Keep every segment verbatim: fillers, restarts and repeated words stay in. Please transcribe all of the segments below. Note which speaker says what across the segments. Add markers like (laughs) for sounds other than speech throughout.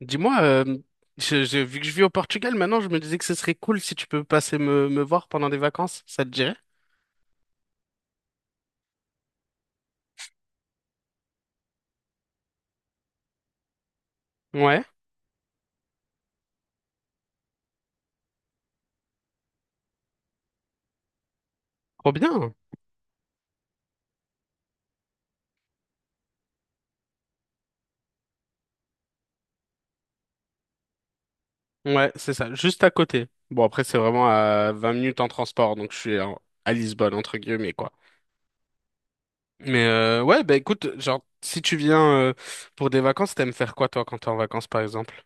Speaker 1: Dis-moi, euh, je, je- vu que je vis au Portugal maintenant, je me disais que ce serait cool si tu peux passer me, me voir pendant des vacances, ça te dirait? Ouais, trop bien. Ouais, c'est ça, juste à côté. Bon, après, c'est vraiment à vingt minutes en transport, donc je suis en- à Lisbonne, entre guillemets, quoi. Mais euh, ouais, bah écoute, genre, si tu viens euh, pour des vacances, t'aimes faire quoi toi quand t'es en vacances par exemple?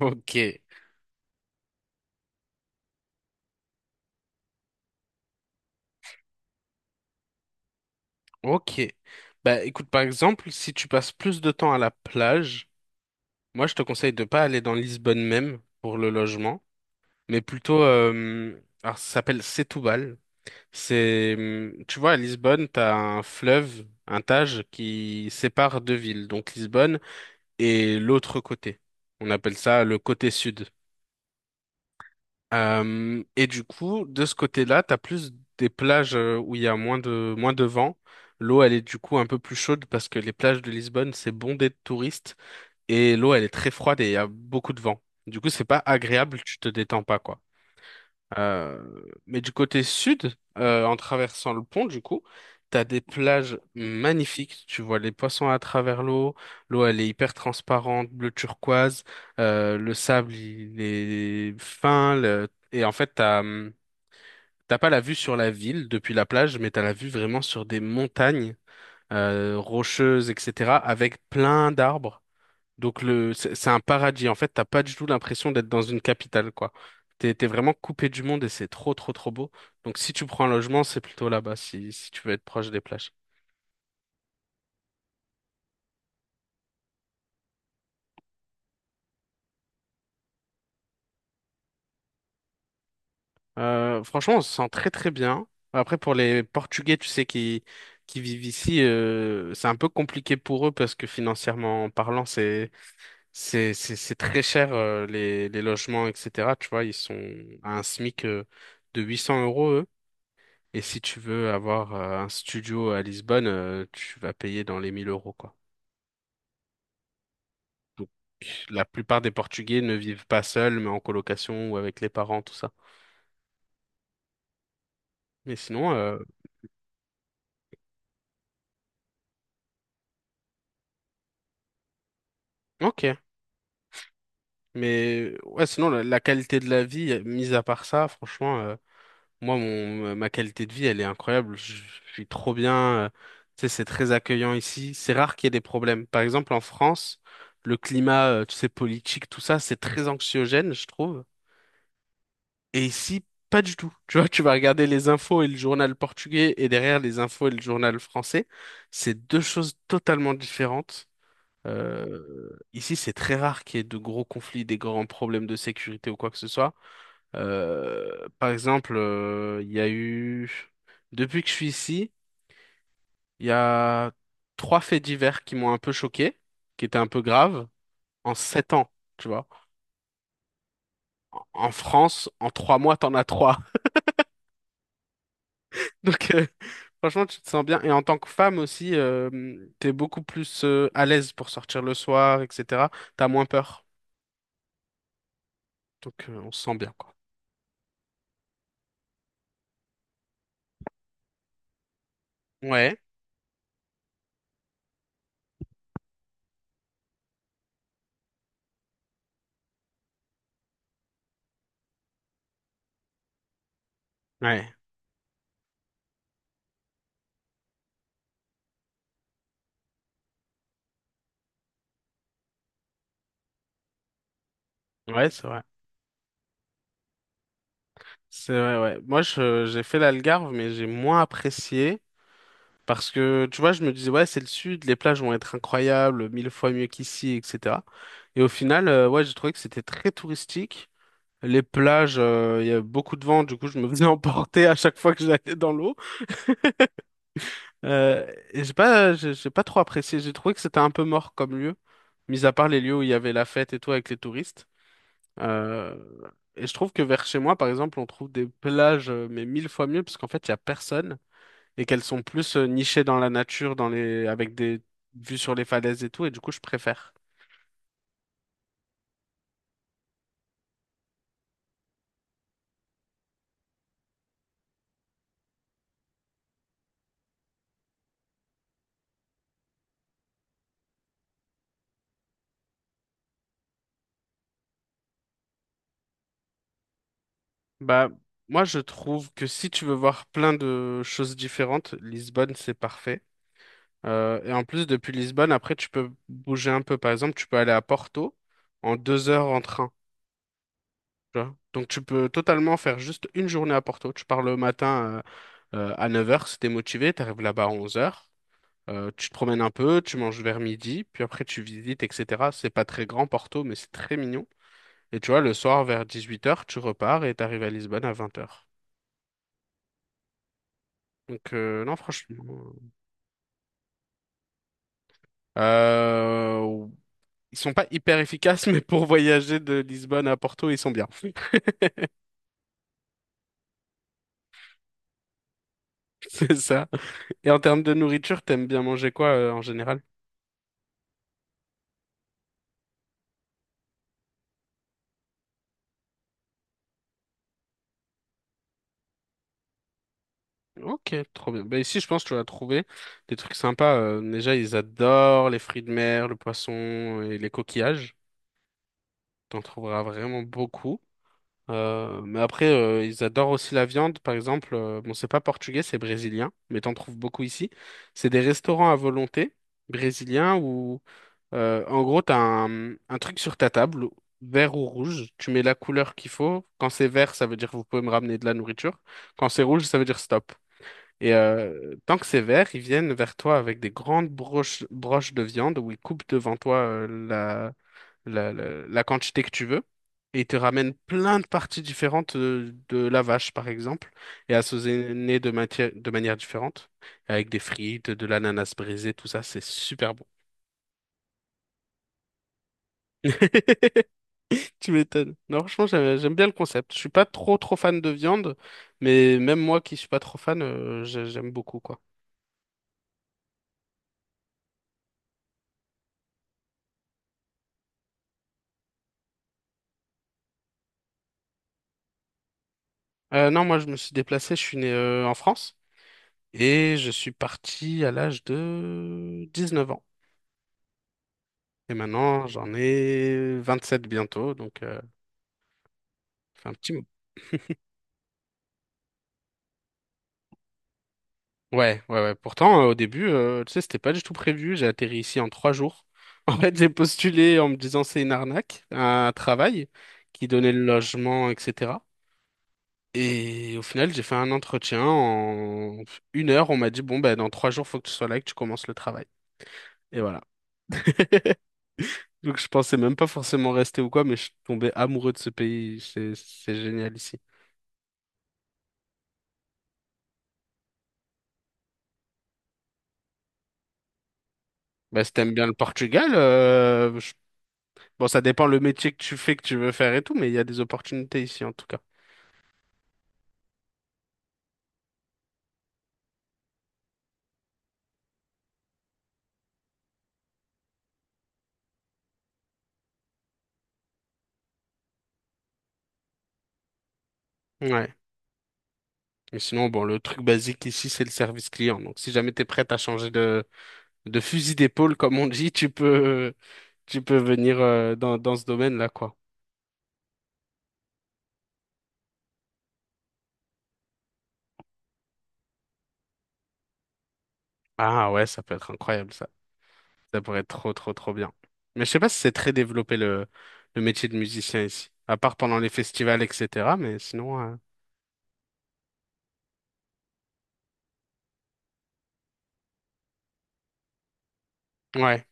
Speaker 1: Ok, ok. Bah écoute, par exemple, si tu passes plus de temps à la plage, moi je te conseille de pas aller dans Lisbonne même pour le logement, mais plutôt, euh, alors ça s'appelle Setúbal. C'est, hum, tu vois, à Lisbonne, t'as un fleuve, un Tage, qui sépare deux villes, donc Lisbonne et l'autre côté. On appelle ça le côté sud. Euh, et du coup, de ce côté-là, t'as plus des plages euh, où il y a moins de, moins de vent. L'eau, elle est du coup un peu plus chaude parce que les plages de Lisbonne, c'est bondé de touristes et l'eau, elle est très froide et il y a beaucoup de vent. Du coup, c'est pas agréable, tu te détends pas, quoi. Euh, mais du côté sud, euh, en traversant le pont, du coup, t'as des plages magnifiques. Tu vois les poissons à travers l'eau. L'eau, elle est hyper transparente, bleu turquoise. Euh, le sable, il est fin. le- Et en fait, t'as, hum, t'as pas la vue sur la ville depuis la plage, mais t'as la vue vraiment sur des montagnes euh, rocheuses, et cetera, avec plein d'arbres. Donc le, c'est c'est un paradis. En fait, t'as pas du tout l'impression d'être dans une capitale, quoi. T'es, t'es vraiment coupé du monde et c'est trop, trop, trop beau. Donc si tu prends un logement, c'est plutôt là-bas, si, si tu veux être proche des plages. Euh, franchement, on se sent très, très bien. Après, pour les Portugais, tu sais, qui, qui vivent ici, euh, c'est un peu compliqué pour eux parce que financièrement parlant, c'est, c'est, c'est, c'est très cher, euh, les, les logements, et cetera. Tu vois, ils sont à un SMIC, euh, de huit cents euros, eux. Et si tu veux avoir euh, un studio à Lisbonne, euh, tu vas payer dans les mille euros, quoi. Donc, la plupart des Portugais ne vivent pas seuls, mais en colocation ou avec les parents, tout ça. Mais sinon, euh, ok. Mais ouais, sinon, la, la qualité de la vie, mise à part ça, franchement, euh, moi, mon, ma qualité de vie, elle est incroyable. Je, je suis trop bien. euh, tu sais, c'est très accueillant ici. C'est rare qu'il y ait des problèmes. Par exemple, en France, le climat, euh, tu sais, politique, tout ça, c'est très anxiogène, je trouve. Et ici, pas du tout. Tu vois, tu vas regarder les infos et le journal portugais et derrière les infos et le journal français. C'est deux choses totalement différentes. Euh, ici, c'est très rare qu'il y ait de gros conflits, des grands problèmes de sécurité ou quoi que ce soit. Euh, par exemple, euh, il y a eu. Depuis que je suis ici, il y a trois faits divers qui m'ont un peu choqué, qui étaient un peu graves, en sept ans, tu vois. En en France, en trois mois, t'en as trois. (laughs) Donc, euh, franchement, tu te sens bien. Et en tant que femme aussi, euh, t'es beaucoup plus euh, à l'aise pour sortir le soir, et cetera. T'as moins peur. Donc, euh, on se sent bien, quoi. Ouais, ouais, ouais, c'est vrai. C'est vrai, ouais. Moi, je, j'ai fait l'Algarve, mais j'ai moins apprécié. Parce que, tu vois, je me disais, ouais, c'est le sud, les plages vont être incroyables, mille fois mieux qu'ici, et cetera. Et au final, euh, ouais, j'ai trouvé que c'était très touristique. Les plages, euh, il y avait beaucoup de vent, du coup, je me faisais (laughs) emporter à chaque fois que j'allais dans l'eau. Euh, et j'ai pas, j'ai j'ai pas trop apprécié. J'ai trouvé que c'était un peu mort comme lieu, mis à part les lieux où il y avait la fête et tout avec les touristes. Euh, et je trouve que vers chez moi, par exemple, on trouve des plages, euh, mais mille fois mieux, parce qu'en fait, il y a personne et qu'elles sont plus euh, nichées dans la nature, dans les, avec des vues sur les falaises et tout. Et du coup, je préfère. Bah, moi, je trouve que si tu veux voir plein de choses différentes, Lisbonne, c'est parfait. Euh, et en plus, depuis Lisbonne, après, tu peux bouger un peu. Par exemple, tu peux aller à Porto en deux heures en train. Tu vois. Donc, tu peux totalement faire juste une journée à Porto. Tu pars le matin euh, euh, à neuf heures, si t'es motivé, t'arrives là-bas à onze heures. Tu te promènes un peu, tu manges vers midi, puis après tu visites, et cetera. C'est pas très grand Porto, mais c'est très mignon. Et tu vois, le soir vers dix-huit heures, tu repars et t'arrives à Lisbonne à vingt heures. Donc, euh, non, franchement. euh, Ils sont pas hyper efficaces, mais pour voyager de Lisbonne à Porto, ils sont bien. (laughs) C'est ça. Et en termes de nourriture, t'aimes bien manger quoi euh, en général? Ok, trop bien. Bah ici, je pense que tu vas trouver des trucs sympas. euh, déjà, ils adorent les fruits de mer, le poisson et les coquillages. T'en trouveras vraiment beaucoup. Euh, mais après, euh, ils adorent aussi la viande, par exemple. euh, bon, c'est pas portugais, c'est brésilien, mais t'en trouves beaucoup ici. C'est des restaurants à volonté brésiliens. Où Euh, en gros, tu as un, un truc sur ta table, vert ou rouge. Tu mets la couleur qu'il faut. Quand c'est vert, ça veut dire vous pouvez me ramener de la nourriture. Quand c'est rouge, ça veut dire stop. Et euh, tant que c'est vert, ils viennent vers toi avec des grandes broches, broches de viande où ils coupent devant toi euh, la, la, la, la quantité que tu veux. Et ils te ramènent plein de parties différentes euh, de la vache, par exemple, et assaisonnées de, matière, de manière différente, avec des frites, de l'ananas brisé, tout ça, c'est super bon. (laughs) Tu m'étonnes. Non, franchement, j'aime j'aime bien le concept. Je suis pas trop trop fan de viande, mais même moi qui suis pas trop fan, euh, j'ai- j'aime beaucoup quoi. Euh, non, moi je me suis déplacé, je suis né euh, en France et je suis parti à l'âge de dix-neuf ans. Et maintenant, j'en ai vingt-sept bientôt, donc euh, ça fait un petit mot. Ouais, ouais, ouais. Pourtant, euh, au début, euh, tu sais, c'était pas du tout prévu. J'ai atterri ici en trois jours. (laughs) En fait, j'ai postulé en me disant c'est une arnaque, un travail qui donnait le logement, et cetera. Et au final, j'ai fait un entretien. En une heure, on m'a dit, bon, ben, dans trois jours, faut que tu sois là et que tu commences le travail. Et voilà. (laughs) Donc, je pensais même pas forcément rester ou quoi, mais je suis tombé amoureux de ce pays. C'est, c'est génial ici. Bah, si t'aimes bien le Portugal, euh, je- bon, ça dépend le métier que tu fais, que tu veux faire et tout, mais il y a des opportunités ici, en tout cas. Ouais. Et sinon, bon, le truc basique ici, c'est le service client. Donc, si jamais t'es prête à changer de, de fusil d'épaule, comme on dit, tu peux, tu peux venir, euh, dans, dans ce domaine-là, quoi. Ah ouais, ça peut être incroyable ça. Ça pourrait être trop trop trop bien. Mais je sais pas si c'est très développé le, le métier de musicien ici. À part pendant les festivals, et cetera. Mais sinon, euh, ouais.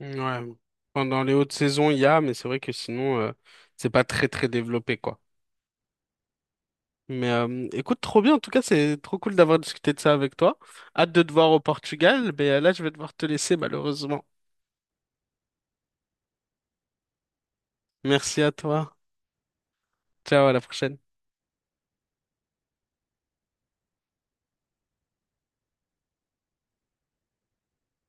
Speaker 1: Ouais. Pendant les hautes saisons, il y a, mais c'est vrai que sinon, euh, c'est pas très très développé quoi. Mais euh, écoute, trop bien. En tout cas, c'est trop cool d'avoir discuté de ça avec toi. Hâte de te voir au Portugal. Mais euh, là, je vais devoir te laisser malheureusement. Merci à toi. Ciao, à la prochaine.